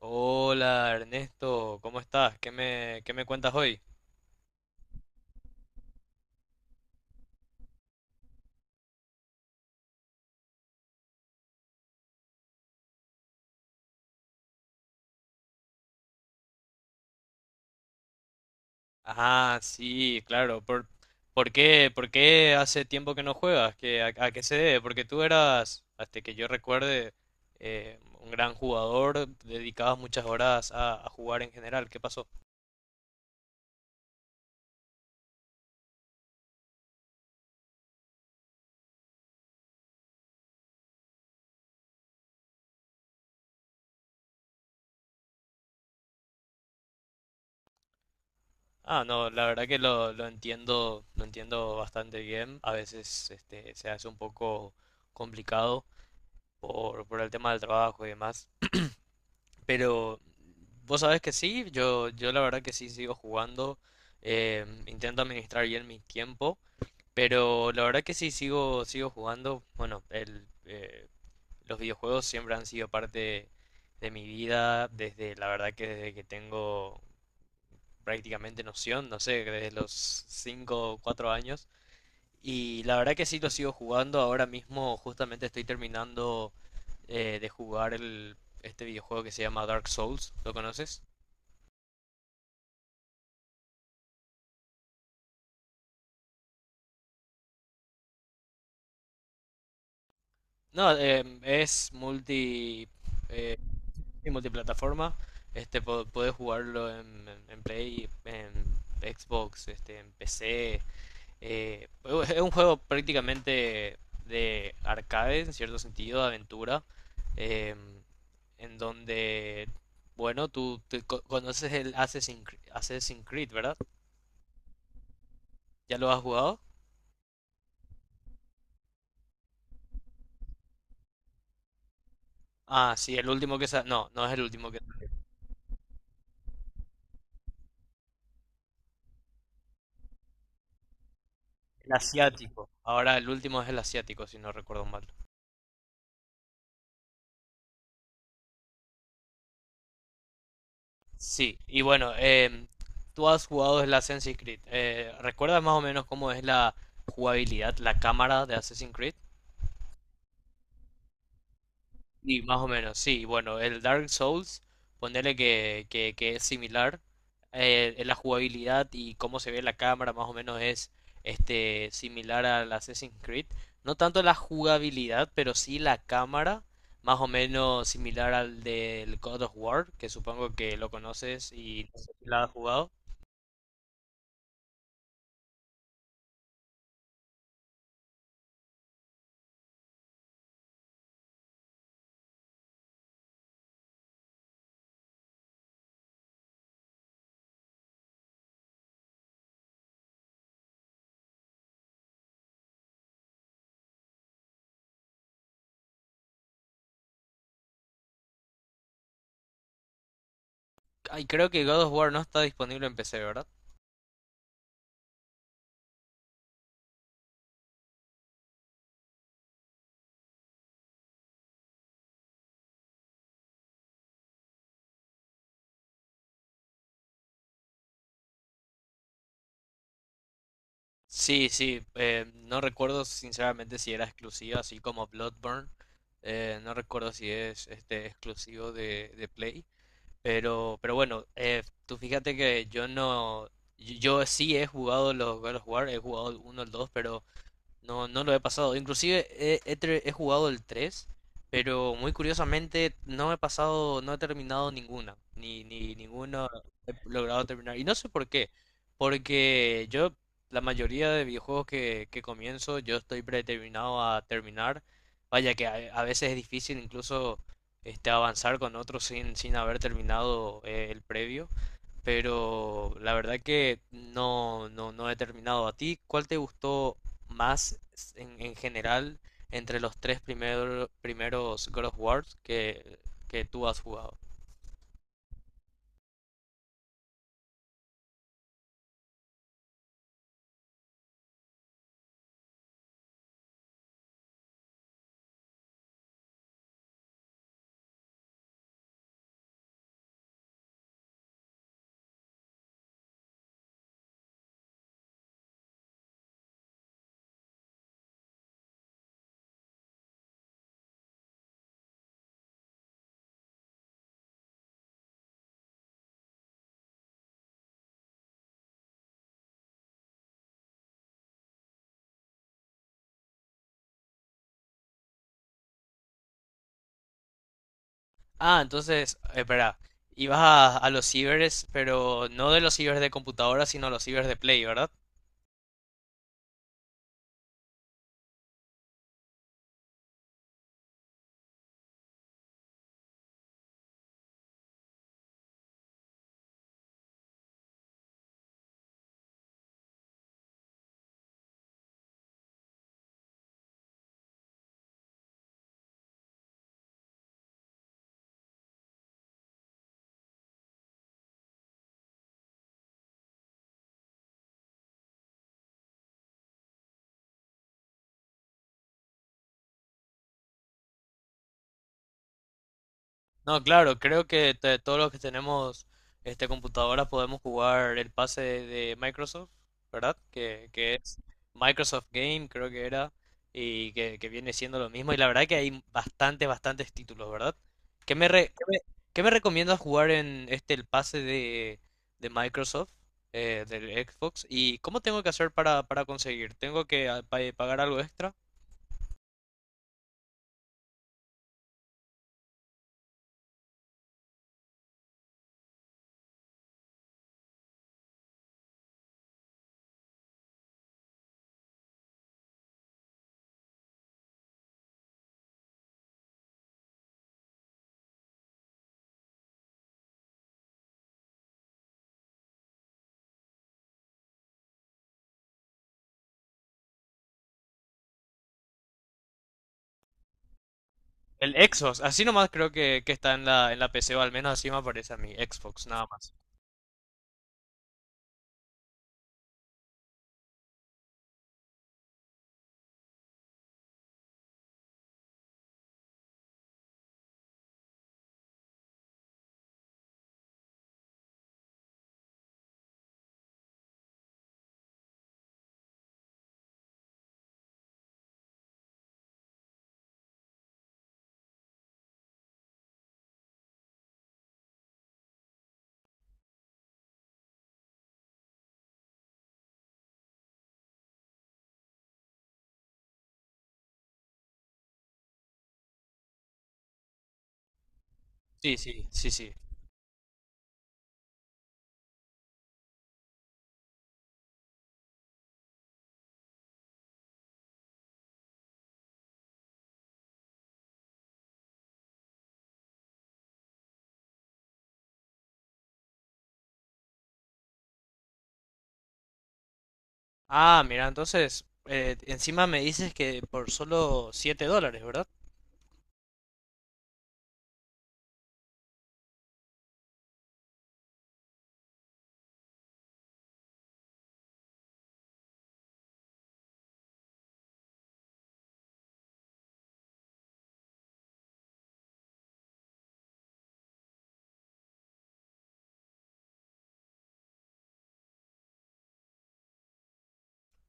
Hola Ernesto, ¿cómo estás? ¿Qué me cuentas hoy? Ah, sí, claro. ¿Por qué hace tiempo que no juegas? ¿A qué se debe? Porque tú eras, hasta que yo recuerde, un gran jugador, dedicabas muchas horas a jugar en general. ¿Qué pasó? Ah, no, la verdad que lo entiendo, lo entiendo bastante bien. A veces este, se hace un poco complicado por el tema del trabajo y demás. Pero vos sabés que sí, yo la verdad que sí sigo jugando, intento administrar bien mi tiempo, pero la verdad que sí sigo jugando. Bueno, los videojuegos siempre han sido parte de mi vida, desde la verdad que desde que tengo prácticamente noción, no sé, desde los 5 o 4 años. Y la verdad que sí lo sigo jugando, ahora mismo justamente estoy terminando de jugar este videojuego que se llama Dark Souls, ¿lo conoces? No, es y multiplataforma. Este, podés jugarlo en, en Play, en Xbox, este, en PC. Es un juego prácticamente de arcade, en cierto sentido, de aventura. em, en donde, bueno, tú te conoces el Assassin's Creed, ¿verdad? ¿Ya lo has jugado? Ah, sí, el último que no, no es el último que. El asiático. Ahora el último es el asiático, si no recuerdo mal. Sí, y bueno, tú has jugado el Assassin's Creed. ¿Recuerdas más o menos cómo es la jugabilidad, la cámara de Assassin's Creed? Y más o menos, sí, bueno, el Dark Souls, ponerle que es similar. La jugabilidad y cómo se ve la cámara más o menos es este, similar al Assassin's Creed. No tanto la jugabilidad, pero sí la cámara, más o menos similar al del God of War, que supongo que lo conoces y no sé si la has jugado. Ay, creo que God of War no está disponible en PC, ¿verdad? Sí, sí, no recuerdo sinceramente si era exclusivo, así como Bloodborne. No recuerdo si es este exclusivo de Play. Pero bueno, tú fíjate que yo no. Yo sí he jugado los God of War, he jugado el 1, el 2, pero no, no lo he pasado. Inclusive he jugado el tres, pero muy curiosamente no he pasado, no he terminado ninguna, ni ninguna he logrado terminar. Y no sé por qué, porque yo, la mayoría de videojuegos que comienzo, yo estoy predeterminado a terminar. Vaya que a veces es difícil incluso este, avanzar con otros sin haber terminado el previo, pero la verdad que no, no he terminado. ¿A ti cuál te gustó más en general entre los tres primeros God of Wars que tú has jugado? Ah, entonces, espera, ibas a los cibers, pero no de los cibers de computadora, sino a los cibers de Play, ¿verdad? No, claro, creo que todos los que tenemos este computadoras podemos jugar el pase de Microsoft, ¿verdad? Que es Microsoft Game, creo que era, y que viene siendo lo mismo. Y la verdad que hay bastantes títulos, ¿verdad? ¿Qué me, re- qué me recomiendas jugar en este el pase de Microsoft, del Xbox? ¿Y cómo tengo que hacer para conseguir? ¿Tengo que pagar algo extra? El Xbox, así nomás creo que está en la PC, o al menos así me aparece a mí, Xbox, nada más. Sí, sí, sí, sí. Ah, mira, entonces, encima me dices que por solo siete dólares, ¿verdad?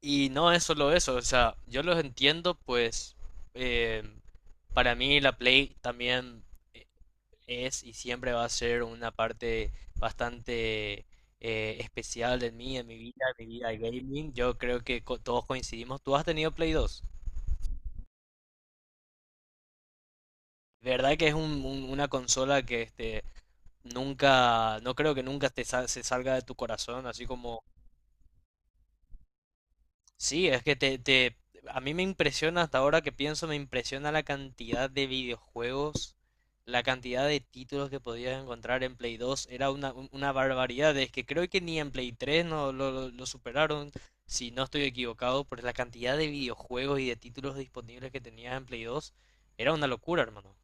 Y no es solo eso, o sea, yo los entiendo, pues, eh, para mí la Play también eh, es y siempre va a ser una parte bastante especial de mí, en mi vida de gaming. Yo creo que todos coincidimos. ¿Tú has tenido Play 2? De verdad que es una consola que este, nunca, no creo que nunca te se salga de tu corazón, así como, sí, es que a mí me impresiona hasta ahora que pienso, me impresiona la cantidad de videojuegos, la cantidad de títulos que podías encontrar en Play 2, era una, una barbaridad, es que creo que ni en Play 3 no lo, lo superaron, si no estoy equivocado, por la cantidad de videojuegos y de títulos disponibles que tenías en Play 2, era una locura, hermano.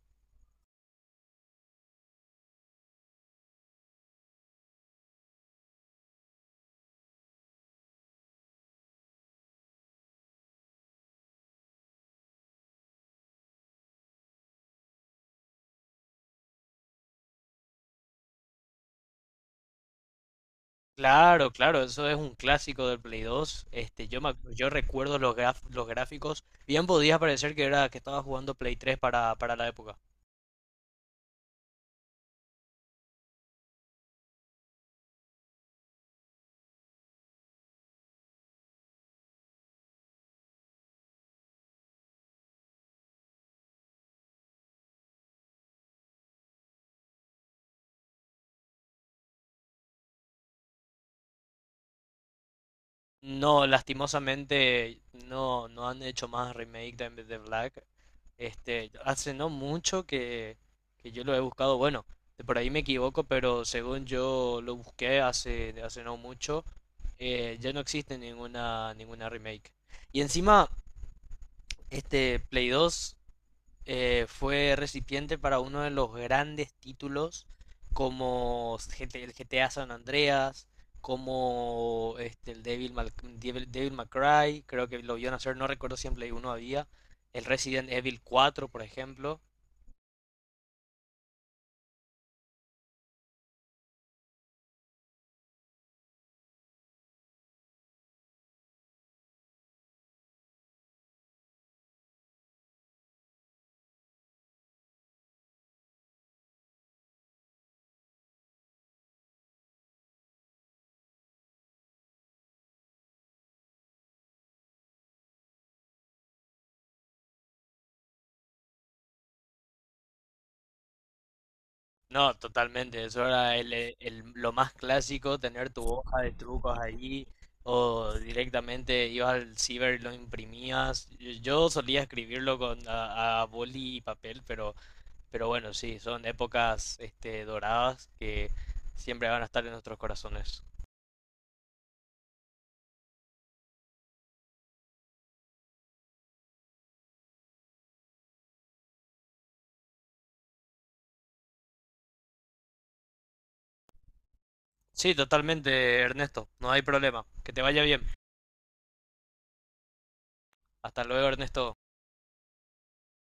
Claro, claro, eso es un clásico del Play 2. Este, yo me yo recuerdo los los gráficos. Bien podía parecer que era que estaba jugando Play 3 para la época. No, lastimosamente no, no han hecho más remake de Black. Este, hace no mucho que yo lo he buscado. Bueno, de por ahí me equivoco, pero según yo lo busqué hace, hace no mucho, ya no existe ninguna, ninguna remake. Y encima, este Play 2. Fue recipiente para uno de los grandes títulos como GT el GTA San Andreas, como este, el Devil May Cry, creo que lo vio nacer, no recuerdo si en Play 1 había, el Resident Evil 4 por ejemplo. No, totalmente, eso era lo más clásico, tener tu hoja de trucos allí, o directamente ibas al ciber y lo imprimías. Yo solía escribirlo con, a boli y papel, pero... Pero bueno, sí, son épocas este, doradas que siempre van a estar en nuestros corazones. Sí, totalmente, Ernesto. No hay problema. Que te vaya bien. Hasta luego, Ernesto.